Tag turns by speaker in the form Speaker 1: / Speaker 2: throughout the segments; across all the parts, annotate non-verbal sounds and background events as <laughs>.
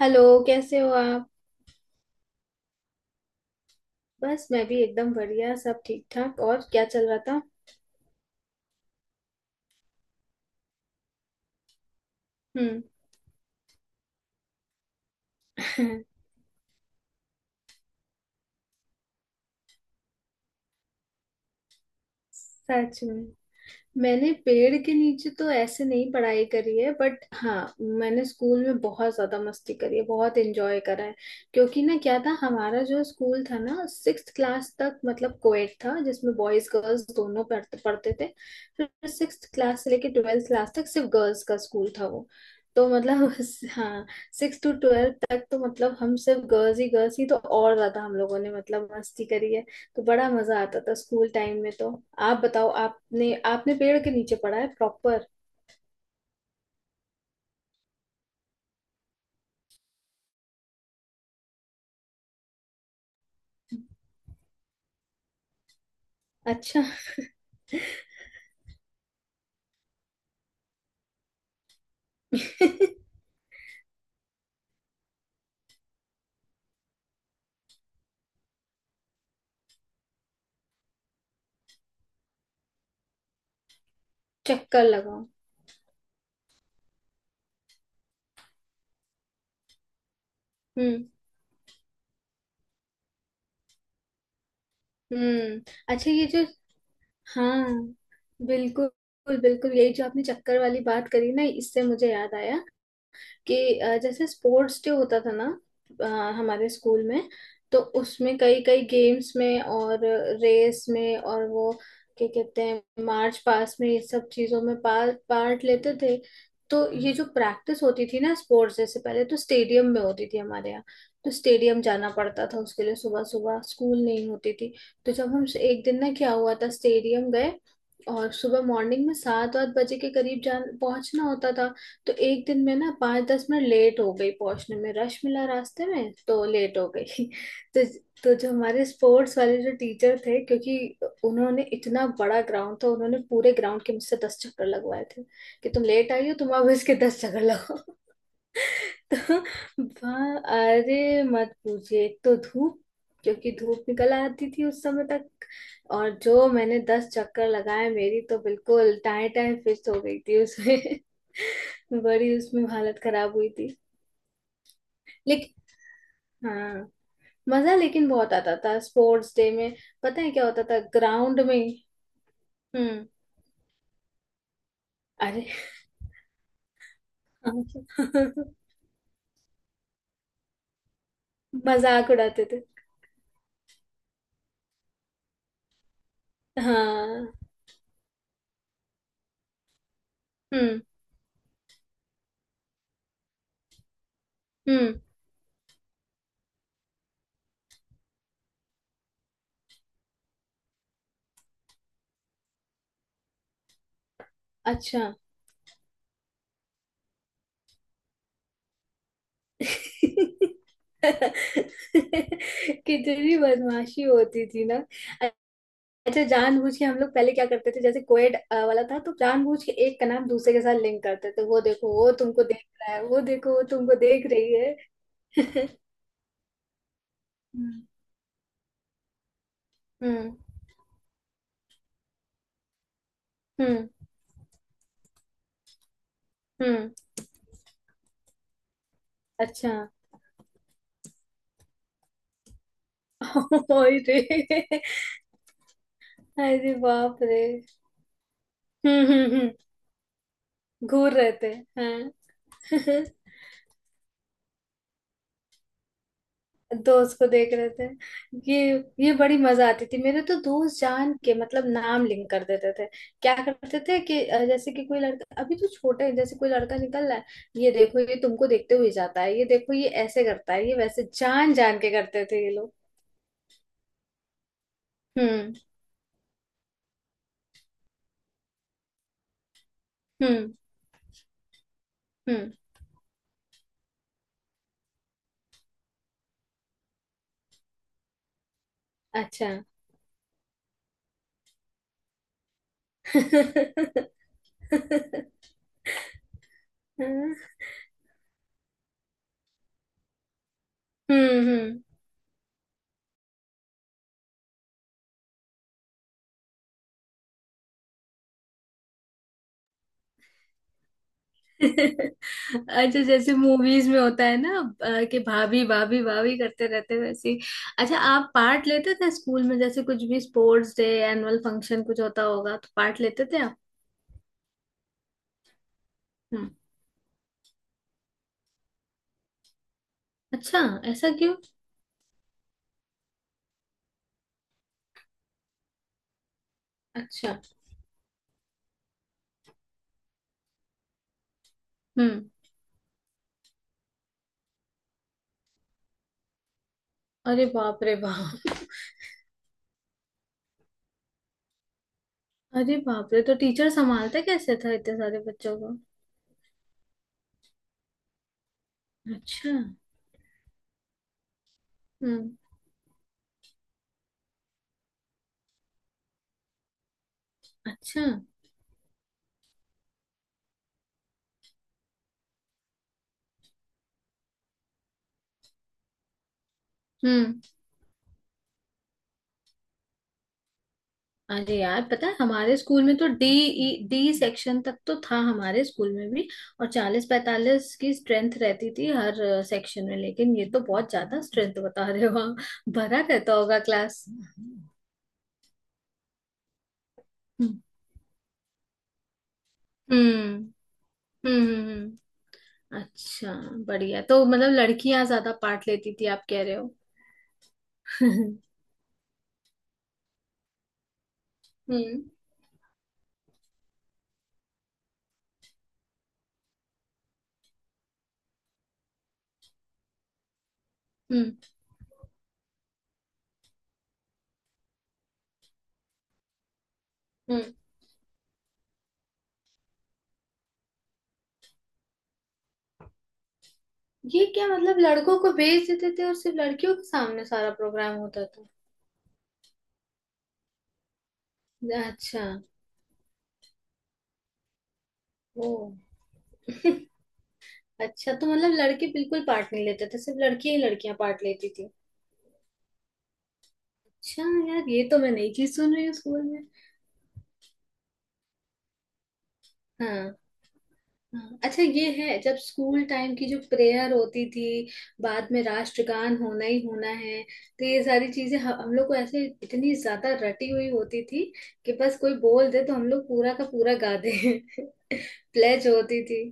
Speaker 1: Hello. कैसे हो आप? बस मैं भी एकदम बढ़िया, सब ठीक ठाक। और क्या चल रहा था? हम्म। <laughs> सच में? मैंने पेड़ के नीचे तो ऐसे नहीं पढ़ाई करी है, बट हाँ, मैंने स्कूल में बहुत ज्यादा मस्ती करी है, बहुत एंजॉय करा है। क्योंकि ना क्या था, हमारा जो स्कूल था ना, सिक्स क्लास तक मतलब कोएड था, जिसमें बॉयज गर्ल्स दोनों पढ़ते पढ़ते थे। फिर सिक्स क्लास से लेके ट्वेल्थ क्लास तक सिर्फ गर्ल्स का स्कूल था वो। तो मतलब <laughs> हाँ, सिक्स टू ट्वेल्थ तक तो मतलब हम सिर्फ गर्ल्स ही गर्ल्स ही, तो और ज्यादा हम लोगों ने मतलब मस्ती करी है। तो बड़ा मजा आता था स्कूल टाइम में तो। आप बताओ, आपने आपने पेड़ के नीचे पढ़ा है प्रॉपर? अच्छा। <laughs> चक्कर लगाओ। हम्म। हम्म। अच्छा ये जो, हाँ, बिल्कुल बिल्कुल, यही जो आपने चक्कर वाली बात करी ना, इससे मुझे याद आया कि जैसे स्पोर्ट्स डे होता था ना, अ, हमारे स्कूल में। तो उसमें कई कई गेम्स में और रेस में और वो क्या कहते हैं मार्च पास्ट में, ये सब चीजों में पार्ट लेते थे। तो ये जो प्रैक्टिस होती थी ना स्पोर्ट्स, जैसे पहले तो स्टेडियम में होती थी हमारे यहाँ। तो स्टेडियम जाना पड़ता था उसके लिए। सुबह सुबह स्कूल नहीं होती थी। तो जब हम एक दिन ना, क्या हुआ था, स्टेडियम गए और सुबह मॉर्निंग में 7-8 बजे के करीब जान पहुंचना होता था। तो एक दिन मैं ना 5-10 मिनट लेट हो गई पहुंचने में, रश मिला रास्ते में, तो लेट हो गई। <laughs> तो तो जो हमारे स्पोर्ट्स वाले जो टीचर थे, क्योंकि उन्होंने इतना बड़ा ग्राउंड था, उन्होंने पूरे ग्राउंड के मुझसे 10 चक्कर लगवाए थे कि तुम लेट आई हो, तुम अब इसके 10 चक्कर लगाओ। <laughs> तो वहाँ, अरे मत पूछिए, एक तो धूप, क्योंकि धूप निकल आती थी उस समय तक। और जो मैंने 10 चक्कर लगाए, मेरी तो बिल्कुल टाए टाए फिस्ट हो गई थी उसमें। <laughs> बड़ी उसमें हालत खराब हुई थी लेकिन। हाँ, मजा लेकिन बहुत आता था स्पोर्ट्स डे में। पता है क्या होता था ग्राउंड में? हम्म। अरे। <laughs> मजाक उड़ाते थे। हाँ। हम्म। हम्म। अच्छा। <laughs> कितनी भी बदमाशी होती थी ना। अच्छा जानबूझ के हम लोग पहले क्या करते थे, जैसे कोएड वाला था, तो जानबूझ के एक का नाम दूसरे के साथ लिंक करते थे। वो देखो वो तुमको देख रहा है, वो देखो वो तुमको देख रही है। <laughs> हम्म। हम्म। हम्म। हम्म, अच्छा। <laughs> ओए रे। अरे बाप रे। हम्म। हम्म। घूर रहे थे। हाँ। <laughs> दोस्त को देख रहे थे। ये ये बड़ी मजा आती थी मेरे तो दोस्त जान के मतलब नाम लिंक कर देते थे। क्या करते थे कि जैसे कि कोई लड़का, अभी तो छोटे हैं, जैसे कोई लड़का निकल रहा है, ये देखो ये तुमको देखते हुए जाता है, ये देखो ये ऐसे करता है ये वैसे, जान जान के करते थे ये लोग। हम्म। हम्म। हम्म। अच्छा। <laughs> हम्म। हम्म। <laughs> अच्छा जैसे मूवीज में होता है ना, कि भाभी भाभी भाभी करते रहते हैं, वैसे ही। अच्छा, आप पार्ट लेते थे स्कूल में? जैसे कुछ भी स्पोर्ट्स डे, एनुअल फंक्शन कुछ होता होगा, तो पार्ट लेते थे आप? हम्म। अच्छा, ऐसा क्यों? अच्छा। हम्म। अरे बाप रे बाप। अरे बाप रे, तो टीचर संभालते कैसे था इतने सारे बच्चों को? अच्छा। हम्म। अच्छा। हम्म। अरे यार, पता है हमारे स्कूल में तो डी डी सेक्शन तक तो था हमारे स्कूल में भी। और 40-45 की स्ट्रेंथ रहती थी हर सेक्शन में। लेकिन ये तो बहुत ज्यादा स्ट्रेंथ बता रहे हो आप। भरा रहता होगा क्लास। हम्म। हम्म। हम्म। हम्म। अच्छा, बढ़िया। तो मतलब लड़कियां ज्यादा पार्ट लेती थी आप कह रहे हो? <laughs> हम्म। हम्म। हम्म। ये क्या मतलब, लड़कों को भेज देते थे और सिर्फ लड़कियों के सामने सारा प्रोग्राम होता था? अच्छा। ओ। <laughs> अच्छा तो मतलब लड़के बिल्कुल पार्ट नहीं लेते थे, सिर्फ लड़कियां ही लड़कियां पार्ट लेती थी? अच्छा यार, ये तो मैं नई चीज सुन रही हूँ स्कूल में। हाँ। हाँ, अच्छा ये है। जब स्कूल टाइम की जो प्रेयर होती थी, बाद में राष्ट्रगान होना ही होना है, तो ये सारी चीजें हम लोग को ऐसे इतनी ज्यादा रटी हुई होती थी कि बस कोई बोल दे तो हम लोग पूरा का पूरा गा दे। <laughs> प्लेज होती थी।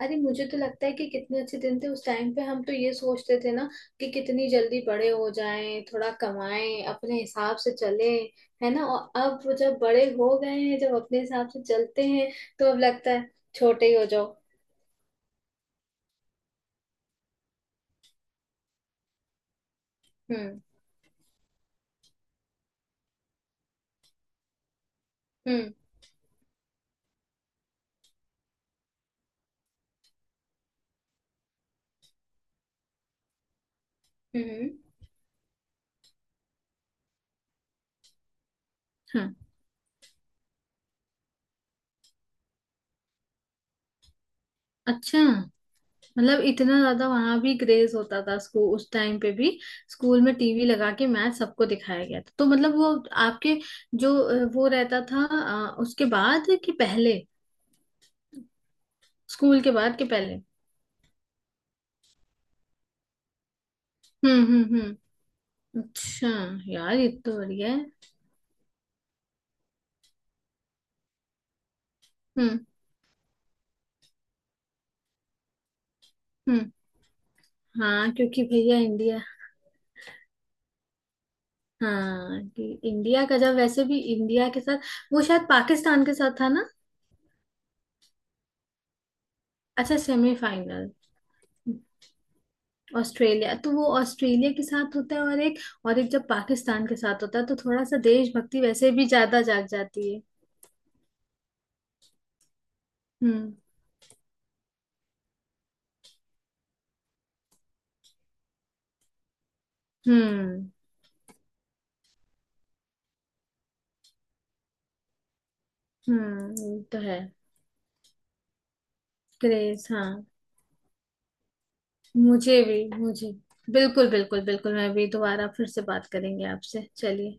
Speaker 1: अरे मुझे तो लगता है कि कितने अच्छे दिन थे उस टाइम पे। हम तो ये सोचते थे ना कि कितनी जल्दी बड़े हो जाएं, थोड़ा कमाएं अपने हिसाब से चले। है ना? और अब वो जब बड़े हो गए हैं, जब अपने हिसाब से चलते हैं, तो अब लगता है छोटे ही हो जाओ। हम्म। हम्म। हम्म। हाँ। अच्छा, मतलब इतना ज्यादा वहां भी क्रेज होता था स्कूल, उस टाइम पे भी स्कूल में टीवी लगा के मैच सबको दिखाया गया था। तो मतलब वो आपके जो वो रहता था उसके बाद कि पहले, स्कूल के बाद के पहले? हम्म। हम्म। हम्म। अच्छा यार, ये तो बढ़िया है। हम्म। हम्म। हाँ क्योंकि भैया इंडिया, हाँ कि इंडिया का, जब वैसे भी इंडिया के साथ वो शायद पाकिस्तान के साथ था ना? अच्छा सेमीफाइनल। ऑस्ट्रेलिया, तो वो ऑस्ट्रेलिया के साथ होता है। और एक जब पाकिस्तान के साथ होता है तो थोड़ा सा देशभक्ति वैसे भी ज्यादा जाग जाती है। हम्म। हम्म। हम्म। ये तो है। क्रेज हाँ। मुझे भी, मुझे बिल्कुल बिल्कुल बिल्कुल, मैं भी दोबारा फिर से बात करेंगे आपसे, चलिए।